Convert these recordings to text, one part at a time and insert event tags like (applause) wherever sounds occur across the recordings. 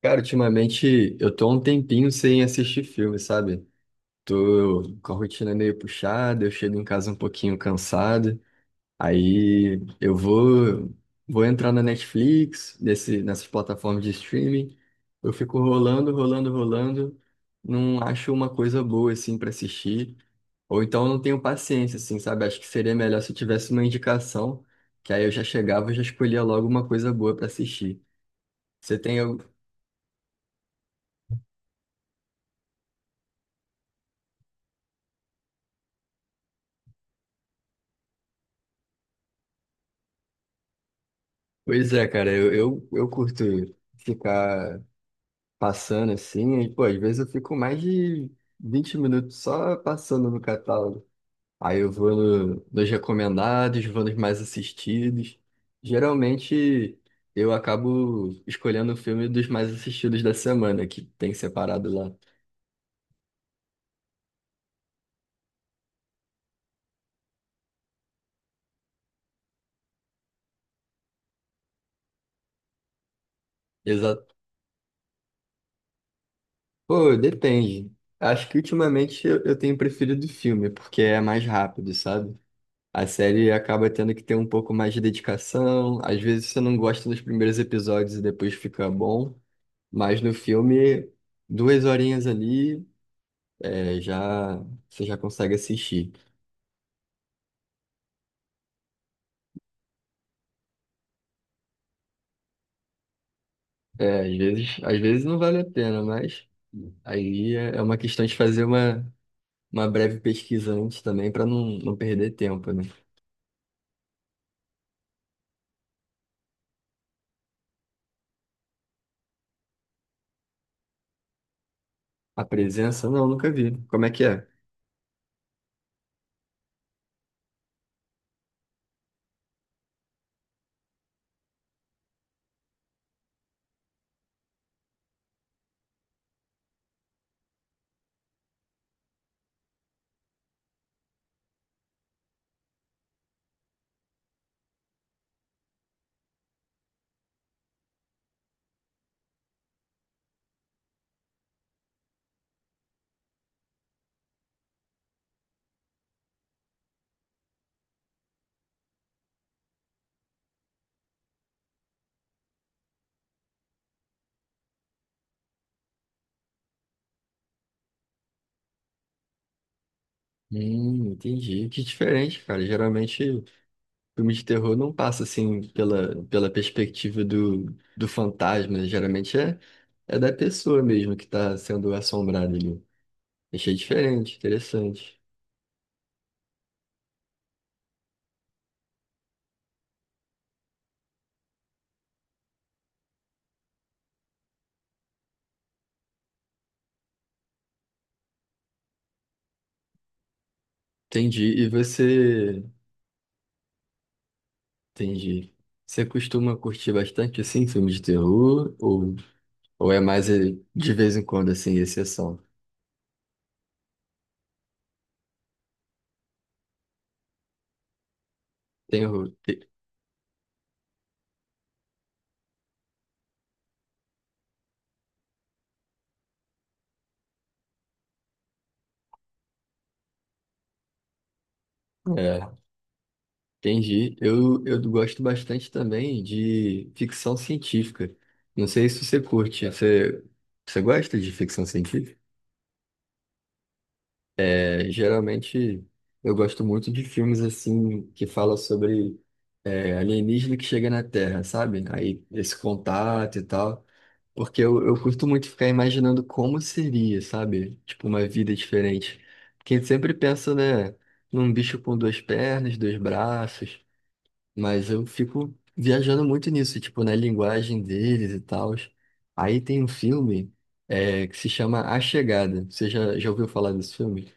Cara, ultimamente eu tô há um tempinho sem assistir filme, sabe? Tô com a rotina meio puxada, eu chego em casa um pouquinho cansado, aí eu vou entrar na Netflix, nessas plataformas de streaming, eu fico rolando, rolando, rolando, não acho uma coisa boa assim pra assistir, ou então eu não tenho paciência assim, sabe? Acho que seria melhor se eu tivesse uma indicação, que aí eu já chegava e já escolhia logo uma coisa boa pra assistir. Você tem... Pois é, cara, eu curto ficar passando assim, e, pô, às vezes eu fico mais de 20 minutos só passando no catálogo. Aí eu vou no- nos recomendados, vou nos mais assistidos. Geralmente eu acabo escolhendo o filme dos mais assistidos da semana, que tem separado lá. Exato. Pô, depende. Acho que ultimamente eu tenho preferido filme, porque é mais rápido, sabe? A série acaba tendo que ter um pouco mais de dedicação. Às vezes você não gosta dos primeiros episódios e depois fica bom. Mas no filme, duas horinhas ali, já você já consegue assistir. É, às vezes não vale a pena, mas aí é uma questão de fazer uma breve pesquisa antes também para não perder tempo, né? A presença, não, nunca vi. Como é que é? Entendi. Que diferente, cara. Geralmente, filme de terror não passa assim pela perspectiva do fantasma, né? Geralmente é da pessoa mesmo que está sendo assombrada ali. Achei diferente, interessante. Entendi. E você, entendi. Você costuma curtir bastante assim filmes de terror ou é mais de vez em quando assim, exceção? Terror. Entendi. Eu gosto bastante também de ficção científica. Não sei se você curte. Você, você gosta de ficção científica? É, geralmente eu gosto muito de filmes assim que falam sobre alienígena que chega na Terra, sabe? Aí esse contato e tal. Porque eu curto muito ficar imaginando como seria, sabe? Tipo, uma vida diferente. Porque a gente sempre pensa, né, num bicho com duas pernas, dois braços. Mas eu fico viajando muito nisso, tipo, na linguagem deles e tal. Aí tem um filme que se chama A Chegada. Você já ouviu falar desse filme?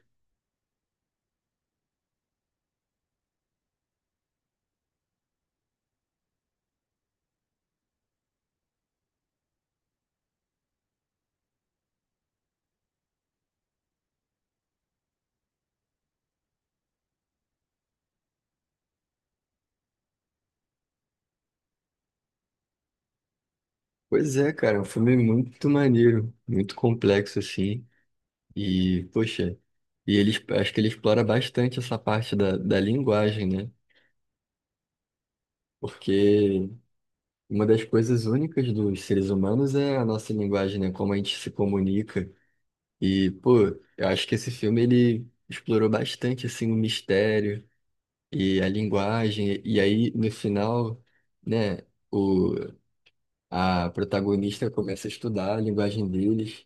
Pois é, cara, é um filme muito maneiro, muito complexo, assim. E, poxa, e ele, acho que ele explora bastante essa parte da linguagem, né? Porque uma das coisas únicas dos seres humanos é a nossa linguagem, né? Como a gente se comunica. E, pô, eu acho que esse filme ele explorou bastante assim o mistério e a linguagem. E aí no final, né, o a protagonista começa a estudar a linguagem deles.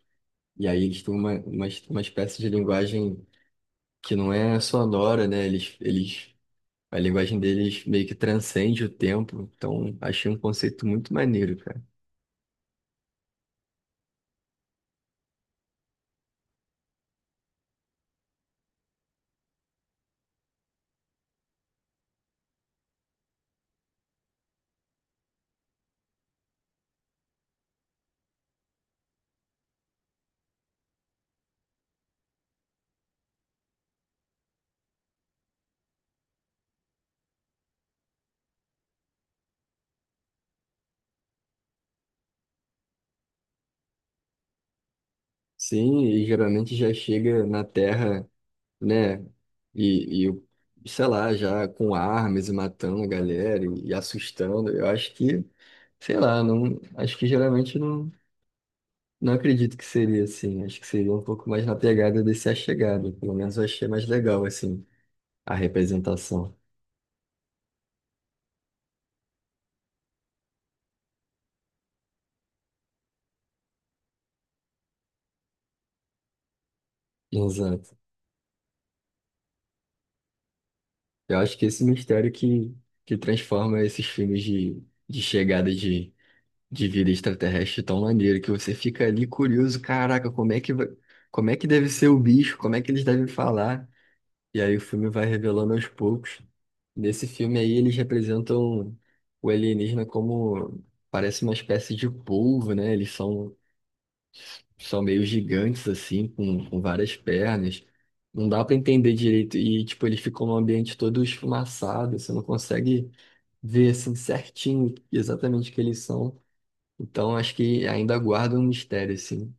E aí eles têm uma espécie de linguagem que não é sonora, né? Eles, a linguagem deles meio que transcende o tempo. Então, achei um conceito muito maneiro, cara. Sim, e geralmente já chega na Terra, né? E, sei lá, já com armas e matando a galera e assustando. Eu acho que, sei lá, não, acho que geralmente não acredito que seria assim. Acho que seria um pouco mais na pegada desse A Chegada. Pelo menos eu achei mais legal, assim, a representação. Exato. Eu acho que esse mistério que transforma esses filmes de chegada de vida extraterrestre tão maneiro, que você fica ali curioso, caraca, como é que vai, como é que deve ser o bicho, como é que eles devem falar. E aí o filme vai revelando aos poucos. Nesse filme aí eles representam o alienígena como parece uma espécie de polvo, né? Eles são, são meio gigantes assim, com várias pernas. Não dá pra entender direito. E tipo, eles ficam num ambiente todo esfumaçado, você não consegue ver assim certinho exatamente o que eles são. Então acho que ainda guarda um mistério assim.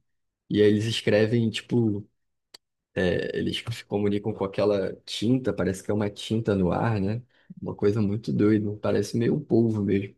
E aí eles escrevem tipo eles se comunicam com aquela tinta, parece que é uma tinta no ar, né? Uma coisa muito doida, parece meio um polvo mesmo.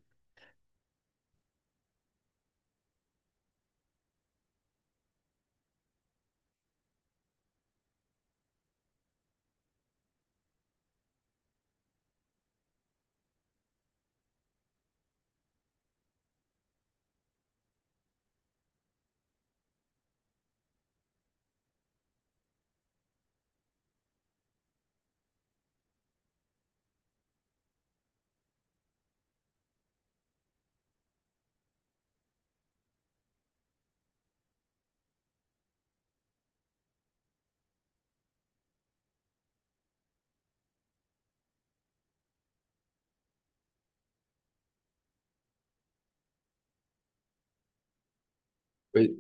Pois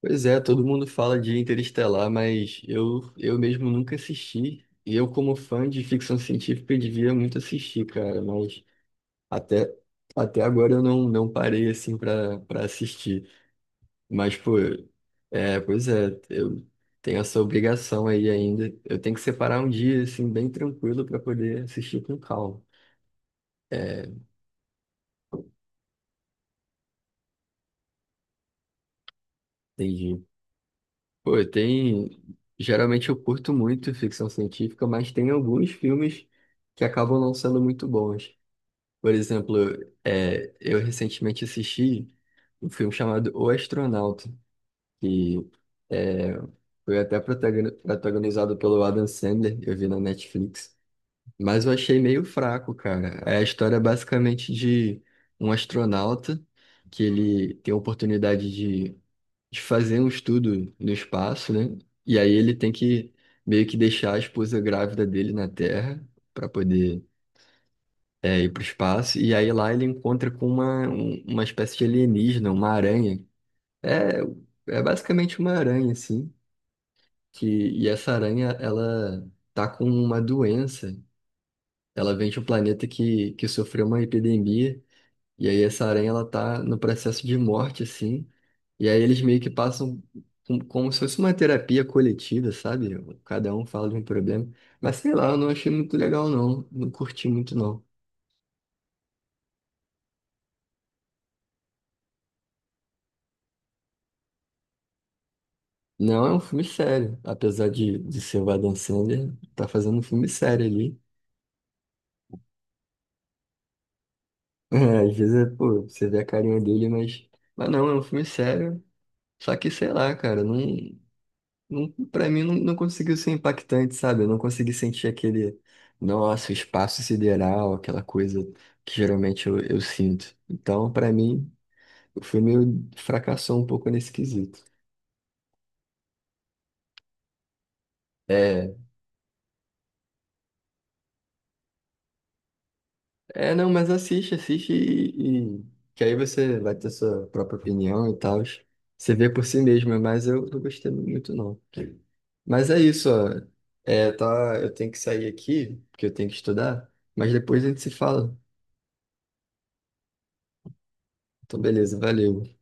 Pois é, todo mundo fala de Interestelar, mas eu mesmo nunca assisti. E eu, como fã de ficção científica, eu devia muito assistir, cara, mas até, até agora eu não parei assim para assistir. Mas, pô, é, pois é, eu tenho essa obrigação aí ainda. Eu tenho que separar um dia assim bem tranquilo para poder assistir com calma. É, entendi. Pô, tem. Geralmente eu curto muito ficção científica, mas tem alguns filmes que acabam não sendo muito bons. Por exemplo, eu recentemente assisti um filme chamado O Astronauta, que é, foi até protagonizado pelo Adam Sandler, eu vi na Netflix. Mas eu achei meio fraco, cara. É a história basicamente de um astronauta que ele tem a oportunidade de fazer um estudo no espaço, né? E aí ele tem que meio que deixar a esposa grávida dele na Terra para poder ir para o espaço. E aí lá ele encontra com uma espécie de alienígena, uma aranha. É, é basicamente uma aranha, assim. Que, e essa aranha, ela tá com uma doença. Ela vem de um planeta que sofreu uma epidemia. E aí essa aranha ela tá no processo de morte, assim. E aí eles meio que passam como se fosse uma terapia coletiva, sabe? Cada um fala de um problema. Mas sei lá, eu não achei muito legal, não. Não curti muito, não. Não é um filme sério. Apesar de ser o Adam Sandler, tá fazendo um filme sério ali. (laughs) É, às vezes, é, pô, você vê a carinha dele, mas... Mas não, é um filme sério. Só que, sei lá, cara, não. Não, pra mim não conseguiu ser impactante, sabe? Eu não consegui sentir aquele, nossa, o espaço sideral, aquela coisa que geralmente eu sinto. Então, pra mim, o filme fracassou um pouco nesse quesito. É, é, não, mas assiste, assiste que aí você vai ter sua própria opinião e tal. Você vê por si mesmo, mas eu não gostei muito, não. Mas é isso, ó. É, tá, eu tenho que sair aqui, porque eu tenho que estudar, mas depois a gente se fala. Então, beleza, valeu.